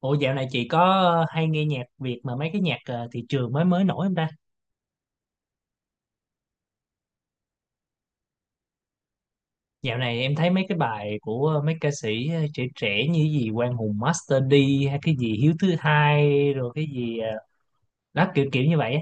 Ủa dạo này chị có hay nghe nhạc Việt mà mấy cái nhạc thị trường mới mới nổi không ta? Dạo này em thấy mấy cái bài của mấy ca sĩ trẻ trẻ như gì Quang Hùng Master D hay cái gì Hiếu Thứ Hai rồi cái gì đó kiểu kiểu như vậy á.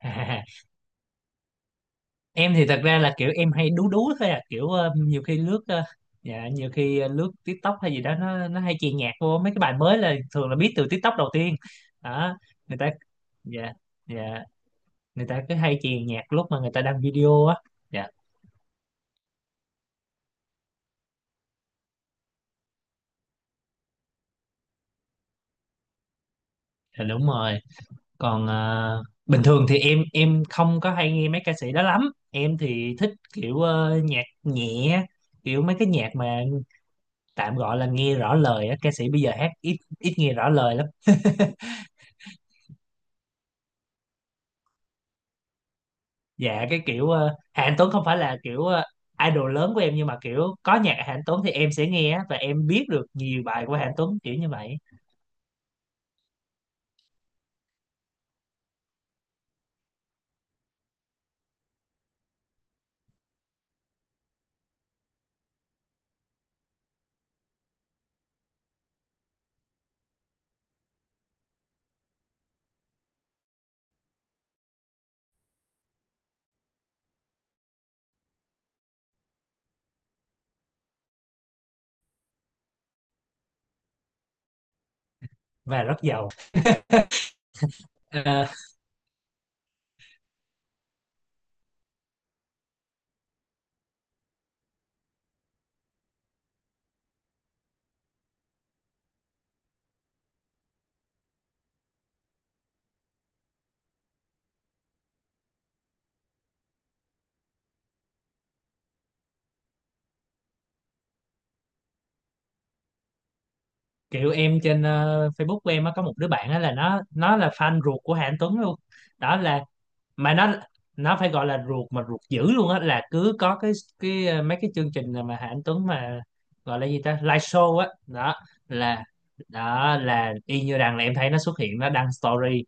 Em thì thật ra là kiểu em hay đú đú thôi à, kiểu ờ, nhiều khi lướt ờ, dạ, nhiều khi lướt TikTok hay gì đó nó hay chèn nhạc vô mấy cái bài mới, là thường là biết từ TikTok đầu tiên. Đó, người ta dạ, dạ, người ta cứ hay chèn nhạc lúc mà người ta đăng video á. Dạ, dạ đúng rồi. Còn bình thường thì em không có hay nghe mấy ca sĩ đó lắm. Em thì thích kiểu nhạc nhẹ, kiểu mấy cái nhạc mà tạm gọi là nghe rõ lời á. Ca sĩ bây giờ hát ít ít nghe rõ lời lắm. Dạ cái kiểu Hà Anh Tuấn không phải là kiểu idol lớn của em, nhưng mà kiểu có nhạc Hà Anh Tuấn thì em sẽ nghe á, và em biết được nhiều bài của Hà Anh Tuấn kiểu như vậy và rất giàu. Ờ, kiểu em trên Facebook của em á, có một đứa bạn á là nó là fan ruột của Hà Anh Tuấn luôn. Đó là mà nó phải gọi là ruột mà ruột dữ luôn á, là cứ có mấy cái chương trình mà Hà Anh Tuấn mà gọi là gì ta, live show á, là đó là y như rằng là em thấy nó xuất hiện nó đăng story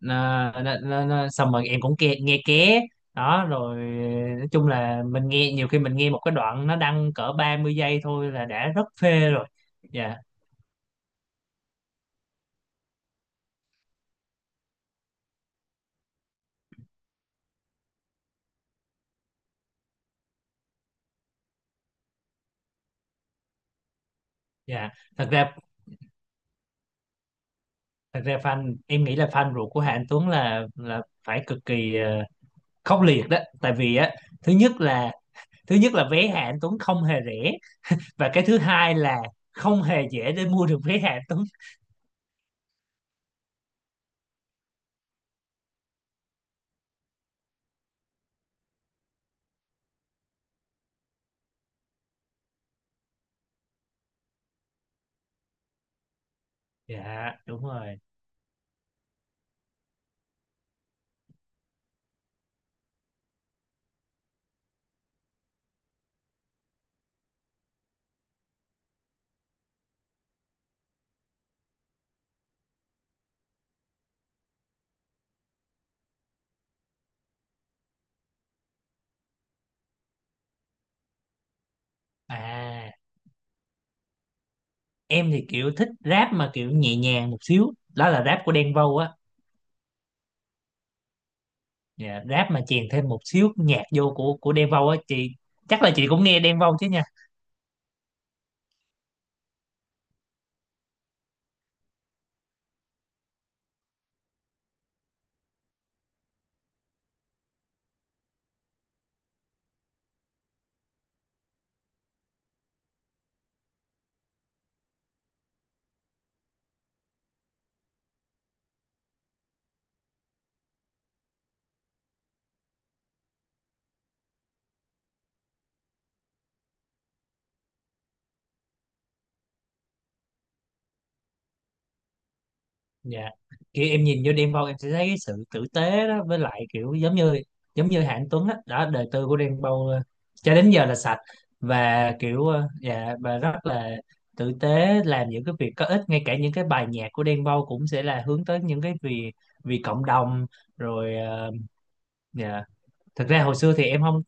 xong rồi em cũng nghe ké, đó rồi nói chung là mình nghe, nhiều khi mình nghe một cái đoạn nó đăng cỡ 30 giây thôi là đã rất phê rồi. Dạ, dạ. thật ra Thật ra fan em nghĩ là fan ruột của Hà Anh Tuấn là phải cực kỳ khốc liệt đó, tại vì á, thứ nhất là thứ nhất là vé Hà Anh Tuấn không hề rẻ, và cái thứ hai là không hề dễ để mua được vé Hà Anh Tuấn. Dạ đúng rồi. À, em thì kiểu thích rap mà kiểu nhẹ nhàng một xíu, đó là rap của Đen Vâu á. Dạ rap mà chèn thêm một xíu nhạc vô của Đen Vâu á chị, chắc là chị cũng nghe Đen Vâu chứ nhỉ? Dạ. Kiểu em nhìn vô Đen Vâu em sẽ thấy cái sự tử tế đó, với lại kiểu giống như Hạng Tuấn á, đó, đời tư của Đen Vâu cho đến giờ là sạch, và kiểu dạ, và rất là tử tế, làm những cái việc có ích. Ngay cả những cái bài nhạc của Đen Vâu cũng sẽ là hướng tới những cái vì vì cộng đồng rồi dạ. Thực ra hồi xưa thì em không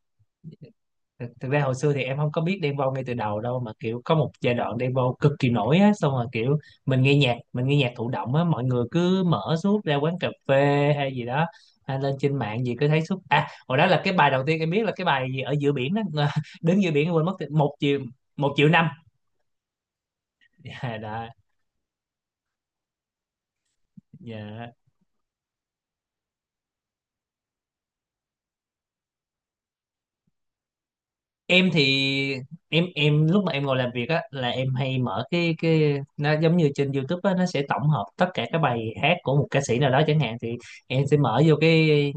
Thực ra hồi xưa thì em không có biết Đen Vâu ngay từ đầu đâu, mà kiểu có một giai đoạn Đen Vâu cực kỳ nổi á, xong rồi kiểu mình nghe nhạc thụ động á, mọi người cứ mở suốt ra quán cà phê hay gì đó, hay lên trên mạng gì cứ thấy suốt. À hồi đó là cái bài đầu tiên em biết là cái bài gì ở giữa biển đó, đứng giữa biển quên mất một triệu năm. Yeah, đó. Yeah. em thì em lúc mà em ngồi làm việc á là em hay mở cái, nó giống như trên YouTube á, nó sẽ tổng hợp tất cả các bài hát của một ca sĩ nào đó chẳng hạn, thì em sẽ mở vô cái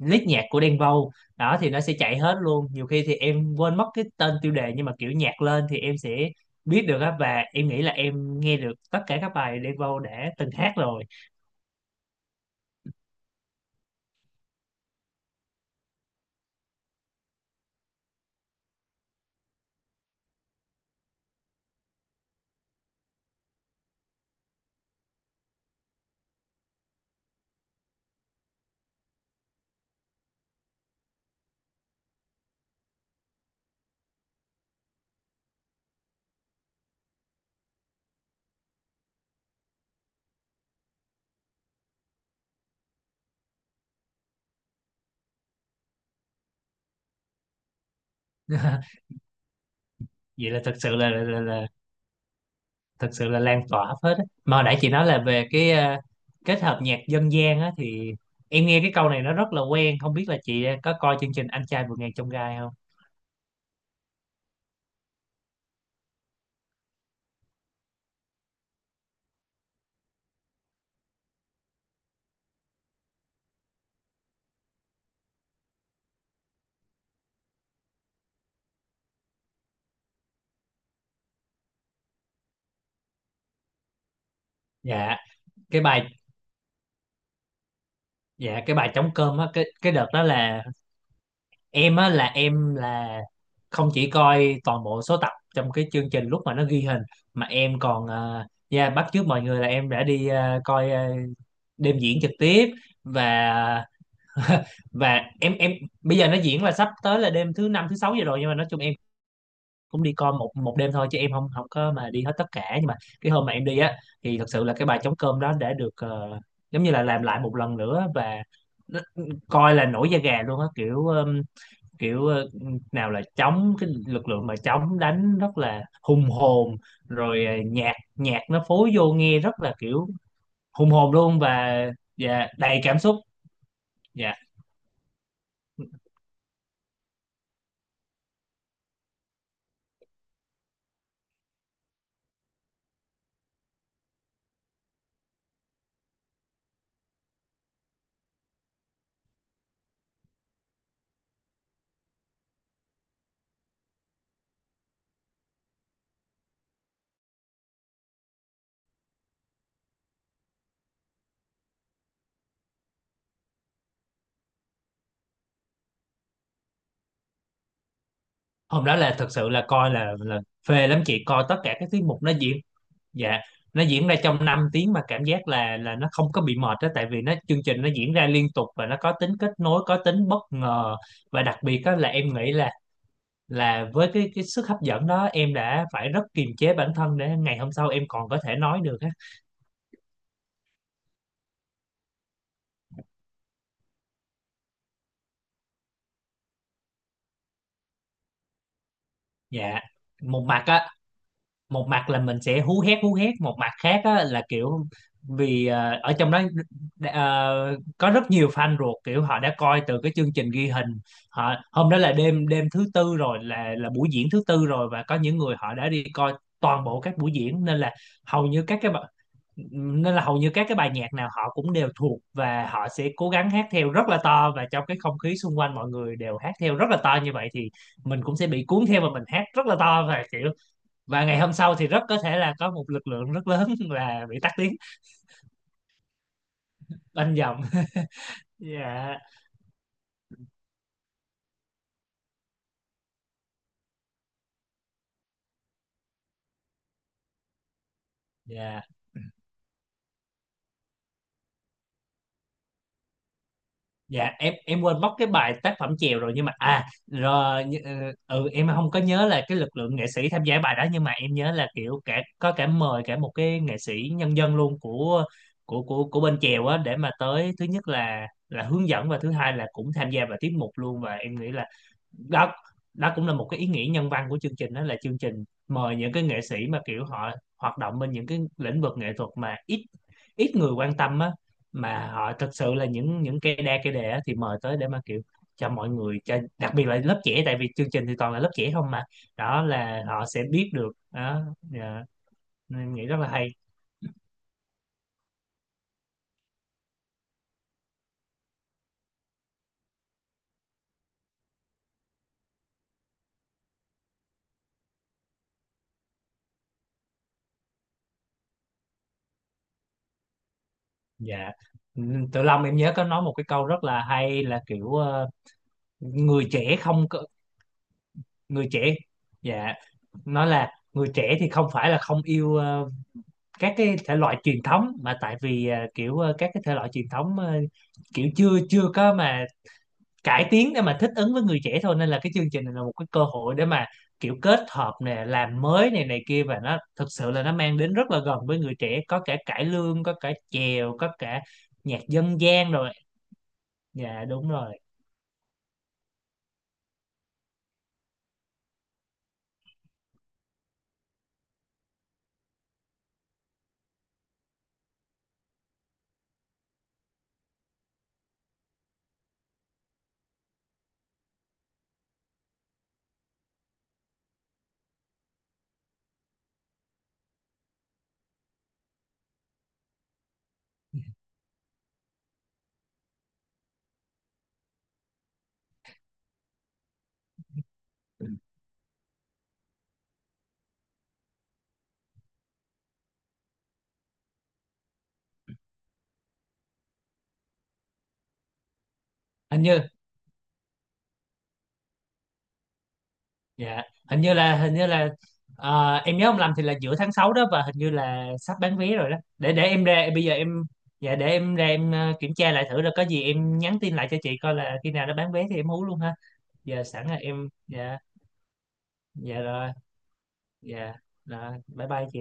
list nhạc của Đen Vâu, đó thì nó sẽ chạy hết luôn. Nhiều khi thì em quên mất cái tên tiêu đề nhưng mà kiểu nhạc lên thì em sẽ biết được á, và em nghĩ là em nghe được tất cả các bài Đen Vâu đã từng hát rồi. Vậy là thật sự là lan tỏa hết á. Mà hồi nãy chị nói là về cái kết hợp nhạc dân gian á, thì em nghe cái câu này nó rất là quen, không biết là chị có coi chương trình Anh trai vượt ngàn chông gai không? dạ cái bài dạ cái bài trống cơm á, cái đợt đó là em á là em là không chỉ coi toàn bộ số tập trong cái chương trình lúc mà nó ghi hình, mà em còn yeah, bắt chước mọi người là em đã đi coi đêm diễn trực tiếp, và và em bây giờ nó diễn là sắp tới là đêm thứ năm, thứ sáu giờ rồi, nhưng mà nói chung em cũng đi coi một một đêm thôi chứ em không không có mà đi hết tất cả, nhưng mà cái hôm mà em đi á thì thật sự là cái bài trống cơm đó đã được giống như là làm lại một lần nữa, và nó- ừ, coi là nổi da gà luôn á, kiểu kiểu nào là trống, cái lực lượng mà trống đánh rất là hùng hồn, rồi nhạc nhạc nó phối vô nghe rất là kiểu hùng hồn luôn, và đầy cảm xúc. Dạ hôm đó là thật sự là coi là phê lắm chị, coi tất cả các tiết mục nó diễn. Dạ nó diễn ra trong 5 tiếng mà cảm giác là nó không có bị mệt đó, tại vì nó chương trình nó diễn ra liên tục và nó có tính kết nối, có tính bất ngờ. Và đặc biệt đó là em nghĩ là với cái sức hấp dẫn đó em đã phải rất kiềm chế bản thân để ngày hôm sau em còn có thể nói được á. Dạ một mặt á một mặt là mình sẽ hú hét hú hét, một mặt khác á, là kiểu vì ở trong đó có rất nhiều fan ruột, kiểu họ đã coi từ cái chương trình ghi hình. Họ hôm đó là đêm đêm thứ tư rồi, là buổi diễn thứ tư rồi, và có những người họ đã đi coi toàn bộ các buổi diễn, nên là hầu như các cái bài- nên là hầu như các cái bài nhạc nào họ cũng đều thuộc, và họ sẽ cố gắng hát theo rất là to, và trong cái không khí xung quanh mọi người đều hát theo rất là to như vậy, thì mình cũng sẽ bị cuốn theo và mình hát rất là to, và và ngày hôm sau thì rất có thể là có một lực lượng rất lớn là bị tắt tiếng bên dòng. Dạ, dạ, dạ, em quên mất cái bài tác phẩm chèo rồi, nhưng mà à rồi ừ em không có nhớ là cái lực lượng nghệ sĩ tham gia bài đó, nhưng mà em nhớ là kiểu cả có, cả mời cả một cái nghệ sĩ nhân dân luôn của bên chèo á, để mà tới, thứ nhất là hướng dẫn và thứ hai là cũng tham gia vào tiết mục luôn, và em nghĩ là đó đó cũng là một cái ý nghĩa nhân văn của chương trình. Đó là chương trình mời những cái nghệ sĩ mà kiểu họ hoạt động bên những cái lĩnh vực nghệ thuật mà ít ít người quan tâm á, mà họ thật sự là những cây đa cây đề á, thì mời tới để mà kiểu cho mọi người, cho đặc biệt là lớp trẻ, tại vì chương trình thì toàn là lớp trẻ không mà, đó là họ sẽ biết được, đó dạ. Nên em nghĩ rất là hay. Dạ. Ừ, Tự Long em nhớ có nói một cái câu rất là hay, là kiểu người trẻ không có người trẻ dạ, nó là người trẻ thì không phải là không yêu các cái thể loại truyền thống, mà tại vì kiểu các cái thể loại truyền thống kiểu chưa chưa có mà cải tiến để mà thích ứng với người trẻ thôi, nên là cái chương trình này là một cái cơ hội để mà kiểu kết hợp nè, làm mới này này kia, và nó thực sự là nó mang đến rất là gần với người trẻ. Có cả cải lương, có cả chèo, có cả nhạc dân gian rồi. Dạ đúng rồi. Hình như Dạ, hình như là em nhớ không lầm thì là giữa tháng 6 đó, và hình như là sắp bán vé rồi đó. Để em ra bây giờ em dạ để em ra em kiểm tra lại thử, rồi có gì em nhắn tin lại cho chị coi là khi nào nó bán vé thì em hú luôn ha. Giờ sẵn là em dạ dạ rồi, dạ rồi, bye bye chị.